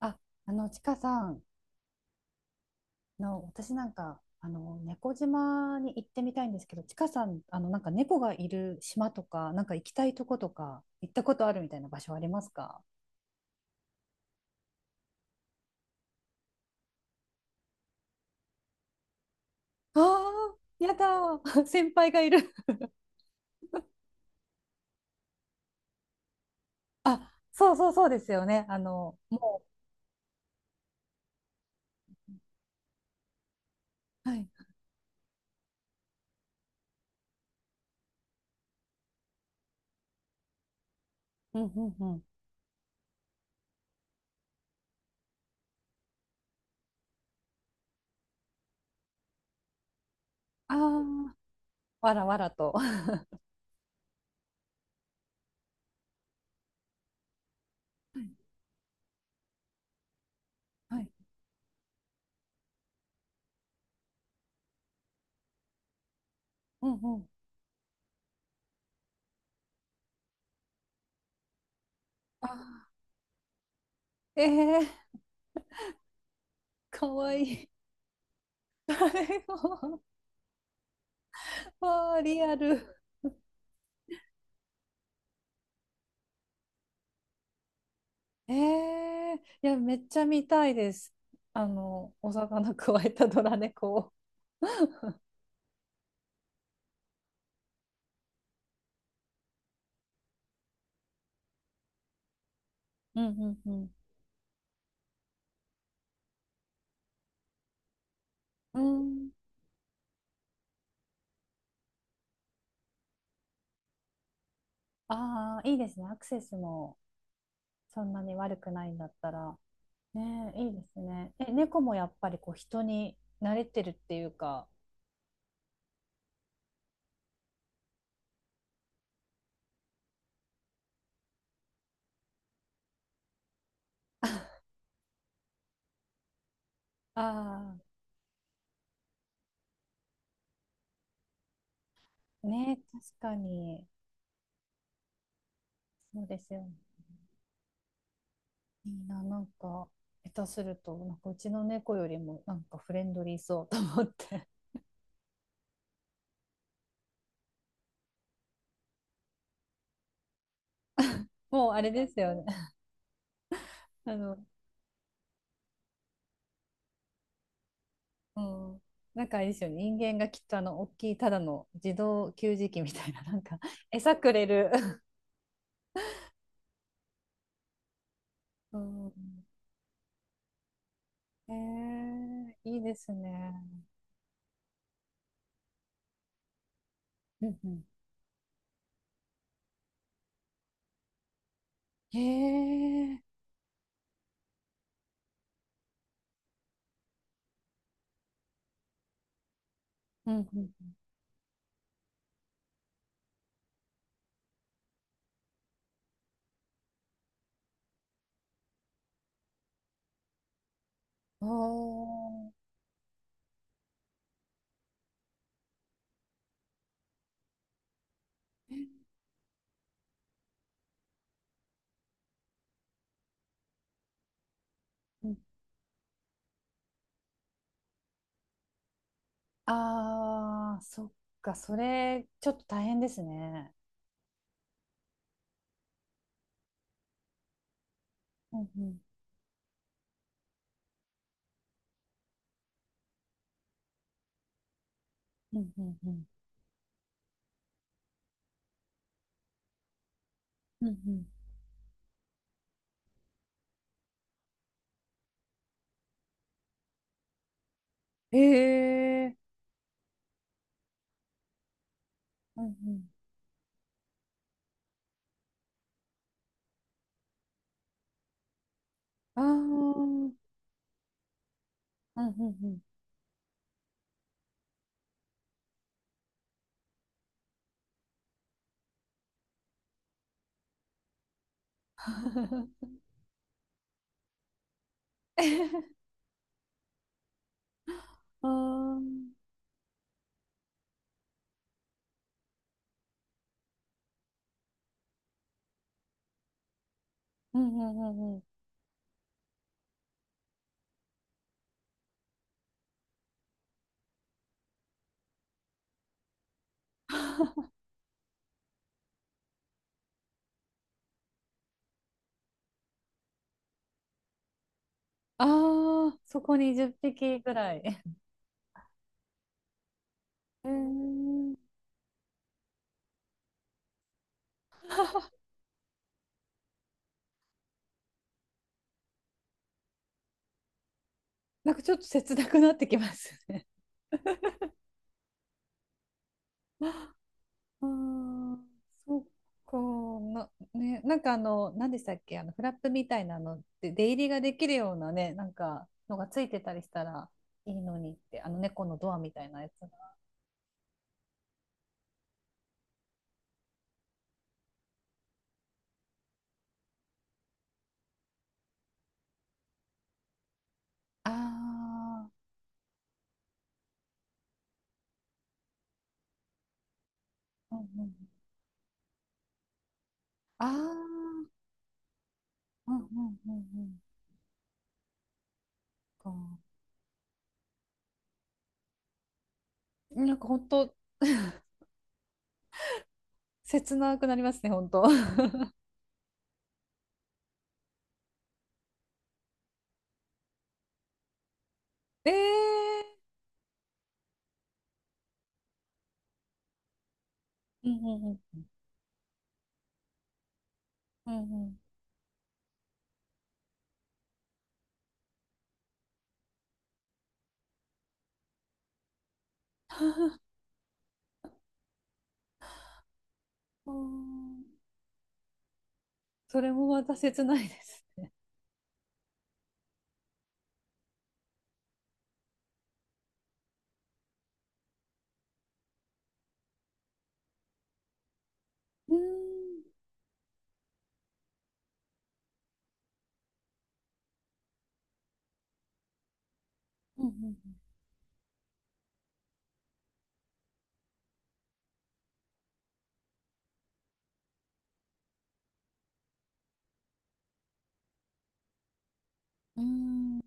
あ、ちかさんの、私なんか、猫島に行ってみたいんですけど、ちかさん、なんか猫がいる島とか、なんか行きたいとことか、行ったことあるみたいな場所ありますか？ああー、やだー、先輩がいる。あ、そうそうそうですよね。あの、もう、はい。うんうんうん。ああ、わらわらと。はい。うんうん。ああ、ええー、かわいい。誰も、わあ、リアル。ええ、いや、めっちゃ見たいです。あの、お魚くわえたドラ猫を。うんうんうん。うん。ああ、いいですね。アクセスもそんなに悪くないんだったら。ねえ、いいですね。え、猫もやっぱりこう人に慣れてるっていうか。ああ、ねえ、確かに。そうですよね。いいな、なんか、下手すると、なんかうちの猫よりもなんかフレンドリーそうと思って。もうあれですよね。あの、うん、なんかあれですよね、人間がきっとあの大きいただの自動給餌器みたいな、なんか 餌くれる。うん、へえ、いいですね。うんうん、へえ、うんうん、おー、うん、あー、そっか、それちょっと大変ですね。うんうんうんうんうんうんうん。へえ、うんうん、あー、うんうんうん あー、うんうんうんうん ああ、そこに10匹ぐらい。へー なんかちょっと切なくなってきますね。あー、そっかな、ね、なんかあの、何でしたっけ、あのフラップみたいなのって出入りができるようなね、なんかのがついてたりしたらいいのにって、あの猫のドアみたいなやつが。ああ、うんうん、ああ、うんうんうんうん。そっかなんか本当 切なくなりますね、本当。ええ、うんうんうんうんうん うーん それもまた切ないです。うーん、うんうんうん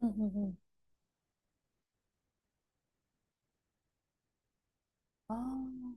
うんうんうん、ああー、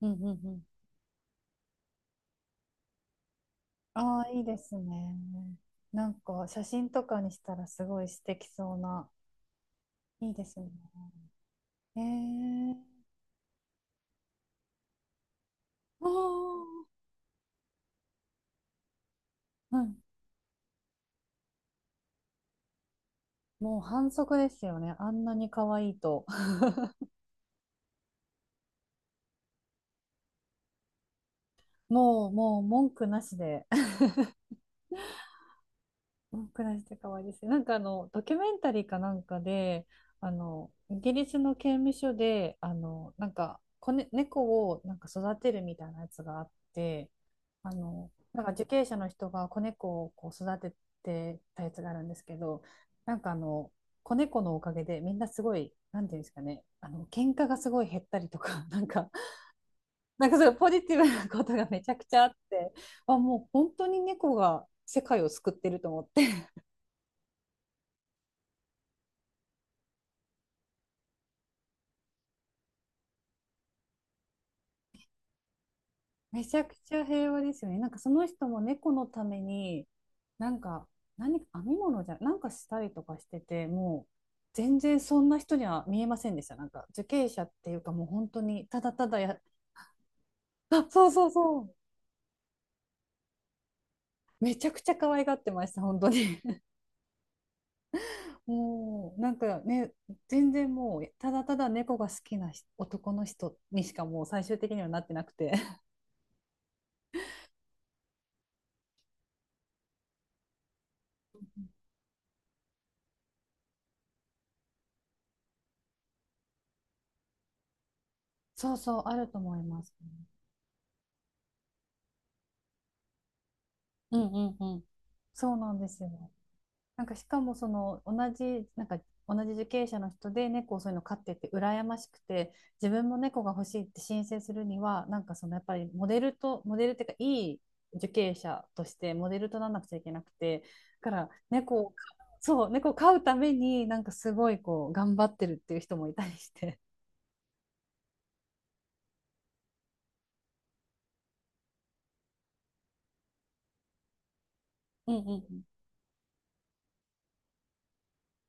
うんうんうん、ああーいいですね。なんか写真とかにしたらすごい素敵そうな。いいですね。えー、ああ、うん。もう反則ですよね。あんなに可愛いと。もう、もう文句なしで、うん、暮らして可愛いですね。なんかあの、ドキュメンタリーかなんかで、あの、イギリスの刑務所で、なんか、子ね、猫をなんか育てるみたいなやつがあって、なんか受刑者の人が子猫をこう育ててたやつがあるんですけど、なんかあの、子猫のおかげでみんなすごい、なんていうんですかね、喧嘩がすごい減ったりとか、なんか、なんかそういうポジティブなことがめちゃくちゃあって、あ、もう本当に猫が世界を救ってると思って。めちゃくちゃ平和ですよね。なんかその人も猫のために、なんか何か編み物じゃ、なんかしたりとかしてて、もう全然そんな人には見えませんでした。なんか受刑者っていうかもう本当にただただや、あ、そうそうそう。めちゃくちゃ可愛がってました、本当に。もうなんかね、全然もうただただ猫が好きな人、男の人にしかもう最終的にはなってなくて。そうそう、あると思います。うんうんうん。そうなんですよ。なんかしかもその同じ、なんか同じ受刑者の人で猫をそういうの飼ってて羨ましくて、自分も猫が欲しいって申請するにはなんかそのやっぱりモデルっていうかいい受刑者としてモデルとならなくちゃいけなくて、だから猫を、そう猫を飼うためになんかすごいこう頑張ってるっていう人もいたりして。うんうんうん。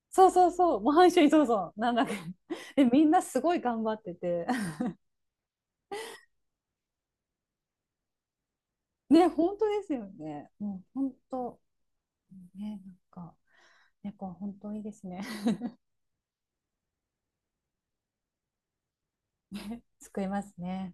そうそうそう、模範主義、そうそう、なんだっけ。で、みんなすごい頑張ってて。ね、本当ですよね。もう本当、ね、なんか、猫は本当いいですね。救いますね。